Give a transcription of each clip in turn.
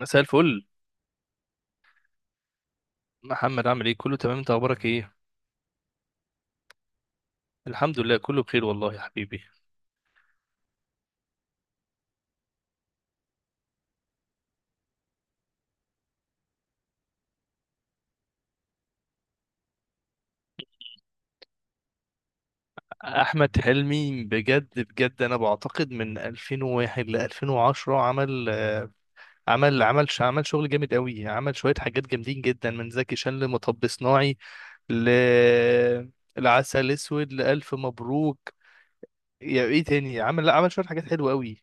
مساء الفل. محمد عامل ايه؟ كله تمام، انت اخبارك ايه؟ الحمد لله كله بخير والله يا حبيبي. احمد حلمي بجد بجد انا بعتقد من 2001 ل 2010 عمل عمل شغل جامد قوي، عمل شويه حاجات جامدين جدا، من زكي شان لمطب صناعي ل العسل اسود لالف مبروك، يا ايه تاني عمل؟ لا عمل شويه حاجات حلوه قوي.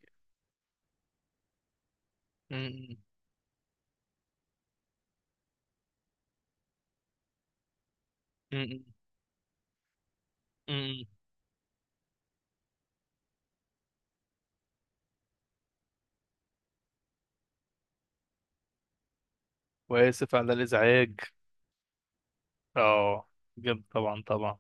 م- م- م- م- م. واسف على الازعاج، اه جامد طبعا، طبعا.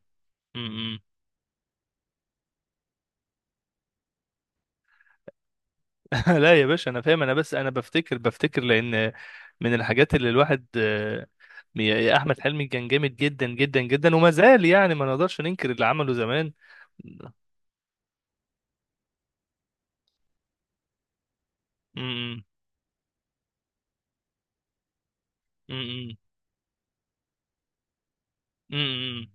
لا يا باشا انا فاهم، انا بس انا بفتكر لان من الحاجات اللي الواحد، يا احمد حلمي كان جامد جدا جدا جدا، وما زال يعني ما نقدرش ننكر اللي عمله زمان. م- م- م- م- م-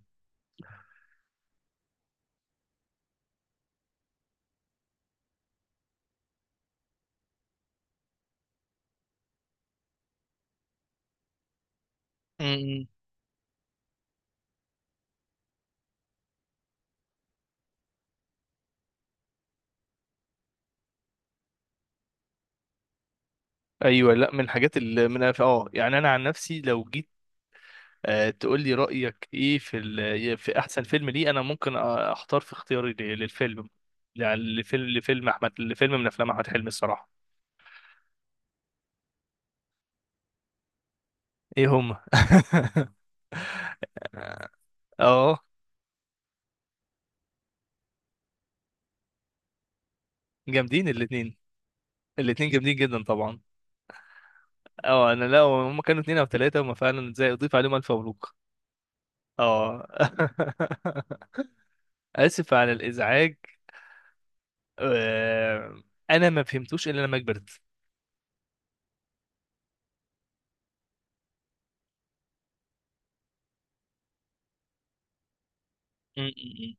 م. ايوه، لا من الحاجات اللي من اه يعني انا عن نفسي لو جيت، تقول لي رايك ايه في احسن فيلم ليه؟ انا ممكن اختار في اختياري للفيلم يعني، لفيلم من افلام احمد حلمي الصراحه. ايه هما؟ اه جامدين الاثنين، الاثنين جامدين جدا طبعا. اه انا لا، هم كانوا اثنين او ثلاثه، هم فعلا زي اضيف عليهم الف مبروك. اه اسف على الازعاج، آه، انا ما فهمتوش الا لما كبرت. م- م-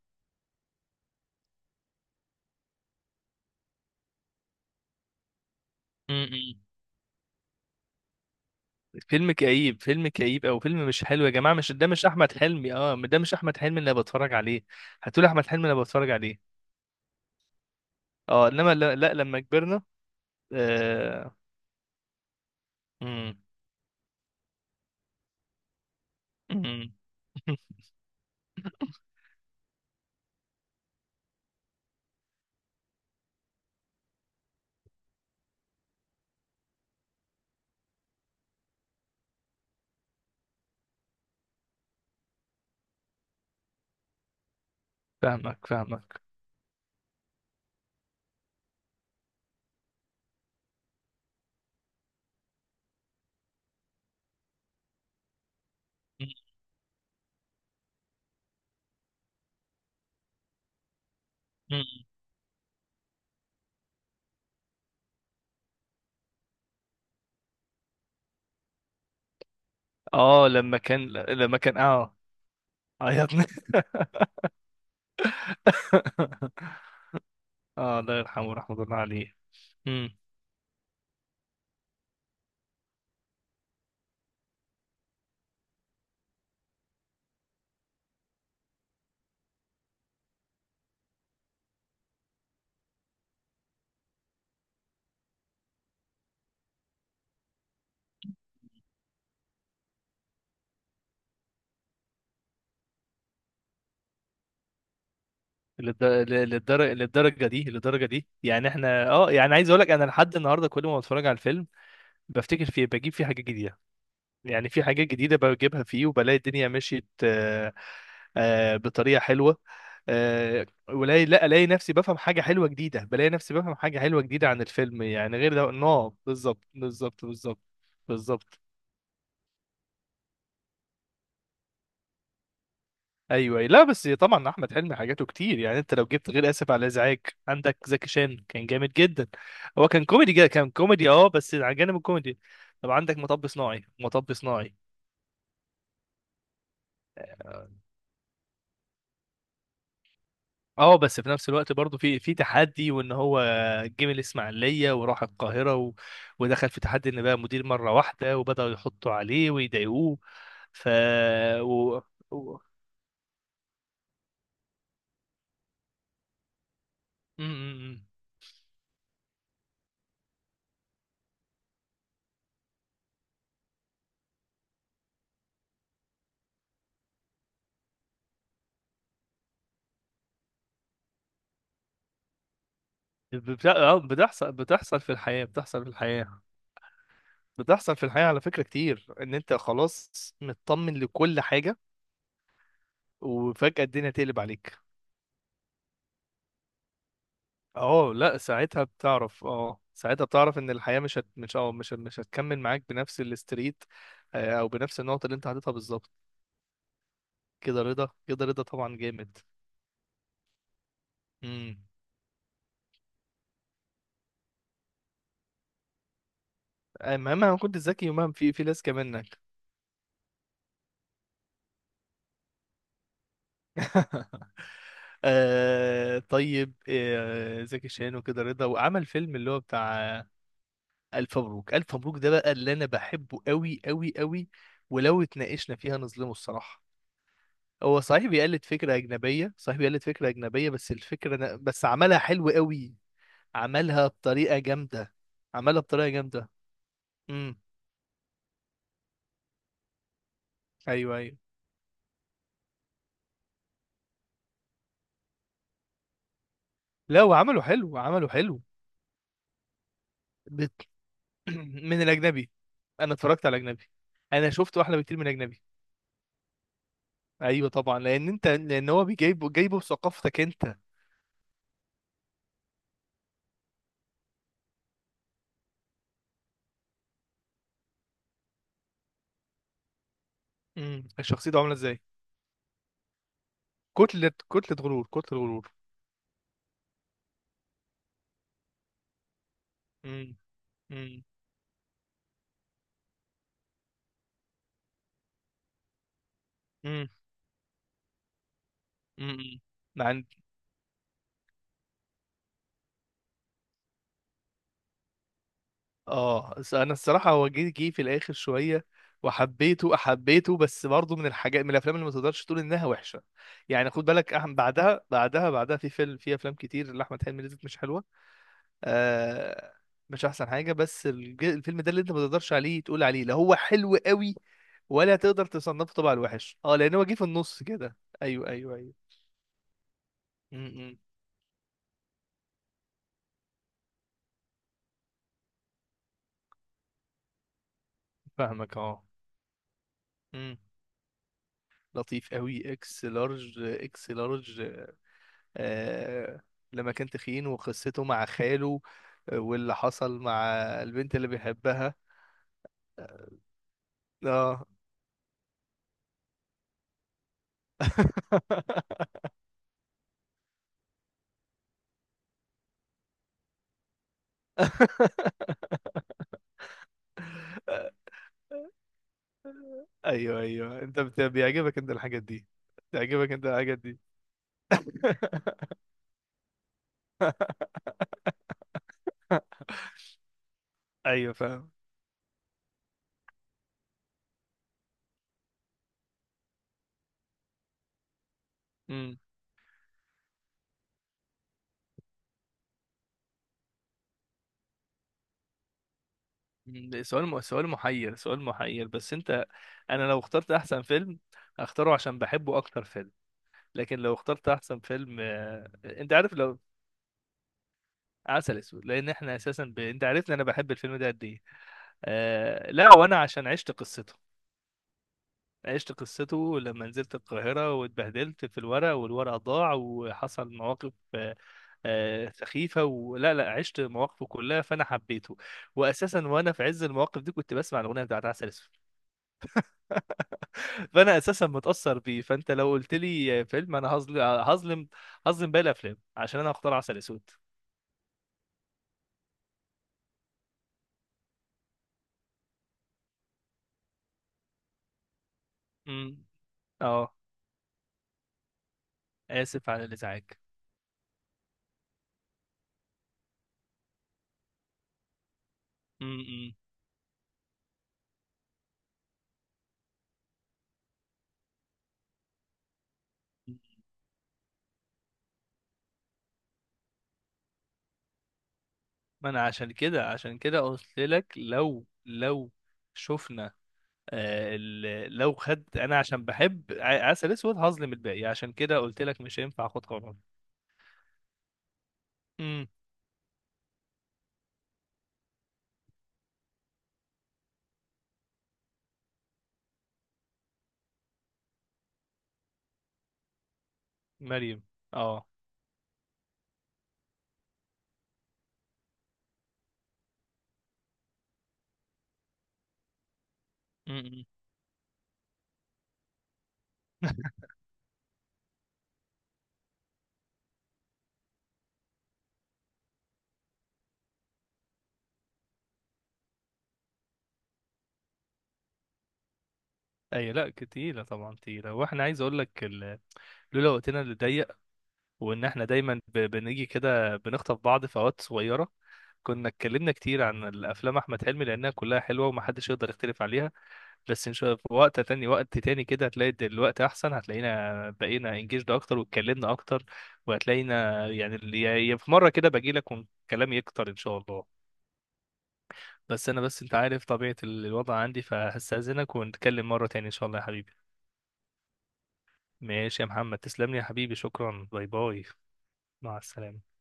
م- م- م. فيلم كئيب، فيلم كئيب او فيلم مش حلو يا جماعه، مش ده مش احمد حلمي، اه ده مش احمد حلمي اللي أنا بتفرج عليه. هتقول احمد حلمي اللي أنا بتفرج عليه؟ اه انما لا لما كبرنا، آه... م- م- فاهمك. لما كان اه يا ابني. اه الله يرحمه رحمة الله عليه. امم، للدرجة، للدرجة دي، للدرجة دي يعني احنا اه يعني عايز اقول لك انا لحد النهاردة كل ما بتفرج على الفيلم بفتكر فيه، بجيب فيه حاجات جديدة، يعني في حاجات جديدة بجيبها فيه، وبلاقي الدنيا مشيت بطريقة حلوة، آه، ولاقي لا الاقي نفسي بفهم حاجة حلوة جديدة، عن الفيلم يعني. غير ده نو بالظبط بالظبط. ايوه أيوة. لا بس طبعا احمد حلمي حاجاته كتير، يعني انت لو جبت غير اسف على الازعاج، عندك زكي شان كان جامد جدا، هو كان كوميدي جدا، كان كوميدي اه بس على جانب الكوميدي. طب عندك مطب صناعي، مطب صناعي اه بس في نفس الوقت برضه في تحدي وان هو جه من الاسماعيليه وراح القاهره ودخل في تحدي ان بقى مدير مره واحده وبداوا يحطوا عليه ويضايقوه، ف و... و... م. بتحصل، بتحصل في الحياه، بتحصل في الحياه، بتحصل في الحياة على فكرة كتير ان انت خلاص مطمن لكل حاجة وفجأة الدنيا تقلب عليك. اه لا ساعتها بتعرف، اه ساعتها بتعرف ان الحياة مش هت... مش اه مش مش هتكمل معاك بنفس الاستريت، او بنفس النقطة اللي انت حاططها بالظبط. كده رضا، كده رضا طبعا جامد. امم، مهما كنت ذكي ومهما في لازكة منك. آه طيب، آه زكي شان وكده رضا، وعمل فيلم اللي هو بتاع الف مبروك، الف مبروك ده بقى اللي انا بحبه قوي قوي قوي، ولو اتناقشنا فيها نظلمه الصراحه. هو صحيح بيقلد فكره اجنبيه، صحيح بيقلد فكره اجنبيه، بس الفكره أنا بس عملها حلو قوي، عملها بطريقه جامده، عملها بطريقه جامده. امم. ايوه. لا وعمله حلو، عمله حلو. بت... من الاجنبي، انا اتفرجت على اجنبي، انا شفت واحلى بكتير من اجنبي. ايوه طبعا، لان انت لان هو جايبه بثقافتك انت. امم، الشخصيه دي عامله ازاي؟ كتله، كتله غرور، كتله غرور. امم امم امم امم امم. عند، انا الصراحه هو جه في الاخر شويه، وحبيته، حبيته، بس برضه من الحاجات، من الافلام اللي ما تقدرش تقول انها وحشه. يعني خد بالك أحمد بعدها، بعدها، بعدها في فيلم، في افلام كتير لاحمد حلمي نزلت مش حلوه. آه مش احسن حاجه، بس الفيلم ده اللي انت ما تقدرش عليه تقول عليه لا، هو حلو قوي، ولا تقدر تصنفه طبعا وحش، اه لان هو جه في النص كده. ايوه. امم فاهمك اه. م. لطيف قوي اكس لارج، اكس لارج. آه لما كان تخين وقصته مع خاله، واللي حصل مع البنت اللي بيحبها. اه ايوه انت بيعجبك انت الحاجات دي، بيعجبك انت الحاجات دي. ايوه فاهم. امم، ده سؤال محير، سؤال محير بس انت، انا لو اخترت احسن فيلم هختاره عشان بحبه اكتر فيلم، لكن لو اخترت احسن فيلم، انت عارف لو عسل اسود لان احنا اساسا انت عارفني انا بحب الفيلم ده قد ايه. لا وانا عشان عشت قصته، عشت قصته لما نزلت القاهرة واتبهدلت في الورق، والورق ضاع، وحصل مواقف سخيفة، ولا لا عشت مواقفه كلها فأنا حبيته، وأساسا وأنا في عز المواقف دي كنت بسمع الأغنية بتاعت عسل أسود. فأنا أساسا متأثر بيه، فأنت لو قلت لي فيلم أنا هظلم، هظلم، هظلم باقي الأفلام عشان أنا هختار عسل أسود. امم أه، آسف على الإزعاج. ما انا عشان كده، عشان كده قلت لك لو لو شفنا، آه لو خد انا عشان بحب عسل اسود هظلم الباقي، عشان كده قلت لك مش هينفع اخد قرار. امم مريم اه امم. اي لا تقيله طبعا تقيله، واحنا عايز اقول لك لولا وقتنا اللي ضيق، وان احنا دايما بنيجي كده بنخطف بعض في اوقات صغيره، كنا اتكلمنا كتير عن الافلام احمد حلمي لانها كلها حلوه ومحدش يقدر يختلف عليها. بس ان شاء الله في وقت تاني، وقت تاني كده هتلاقي الوقت احسن، هتلاقينا بقينا انجيجد اكتر واتكلمنا اكتر، وهتلاقينا يعني يعني في مره كده باجي لك والكلام يكتر ان شاء الله. بس انا بس انت عارف طبيعه الوضع عندي، فهستاذنك ونتكلم مره تاني ان شاء الله يا حبيبي. ماشي يا محمد، تسلم لي يا حبيبي، شكرا، باي باي، مع السلامه.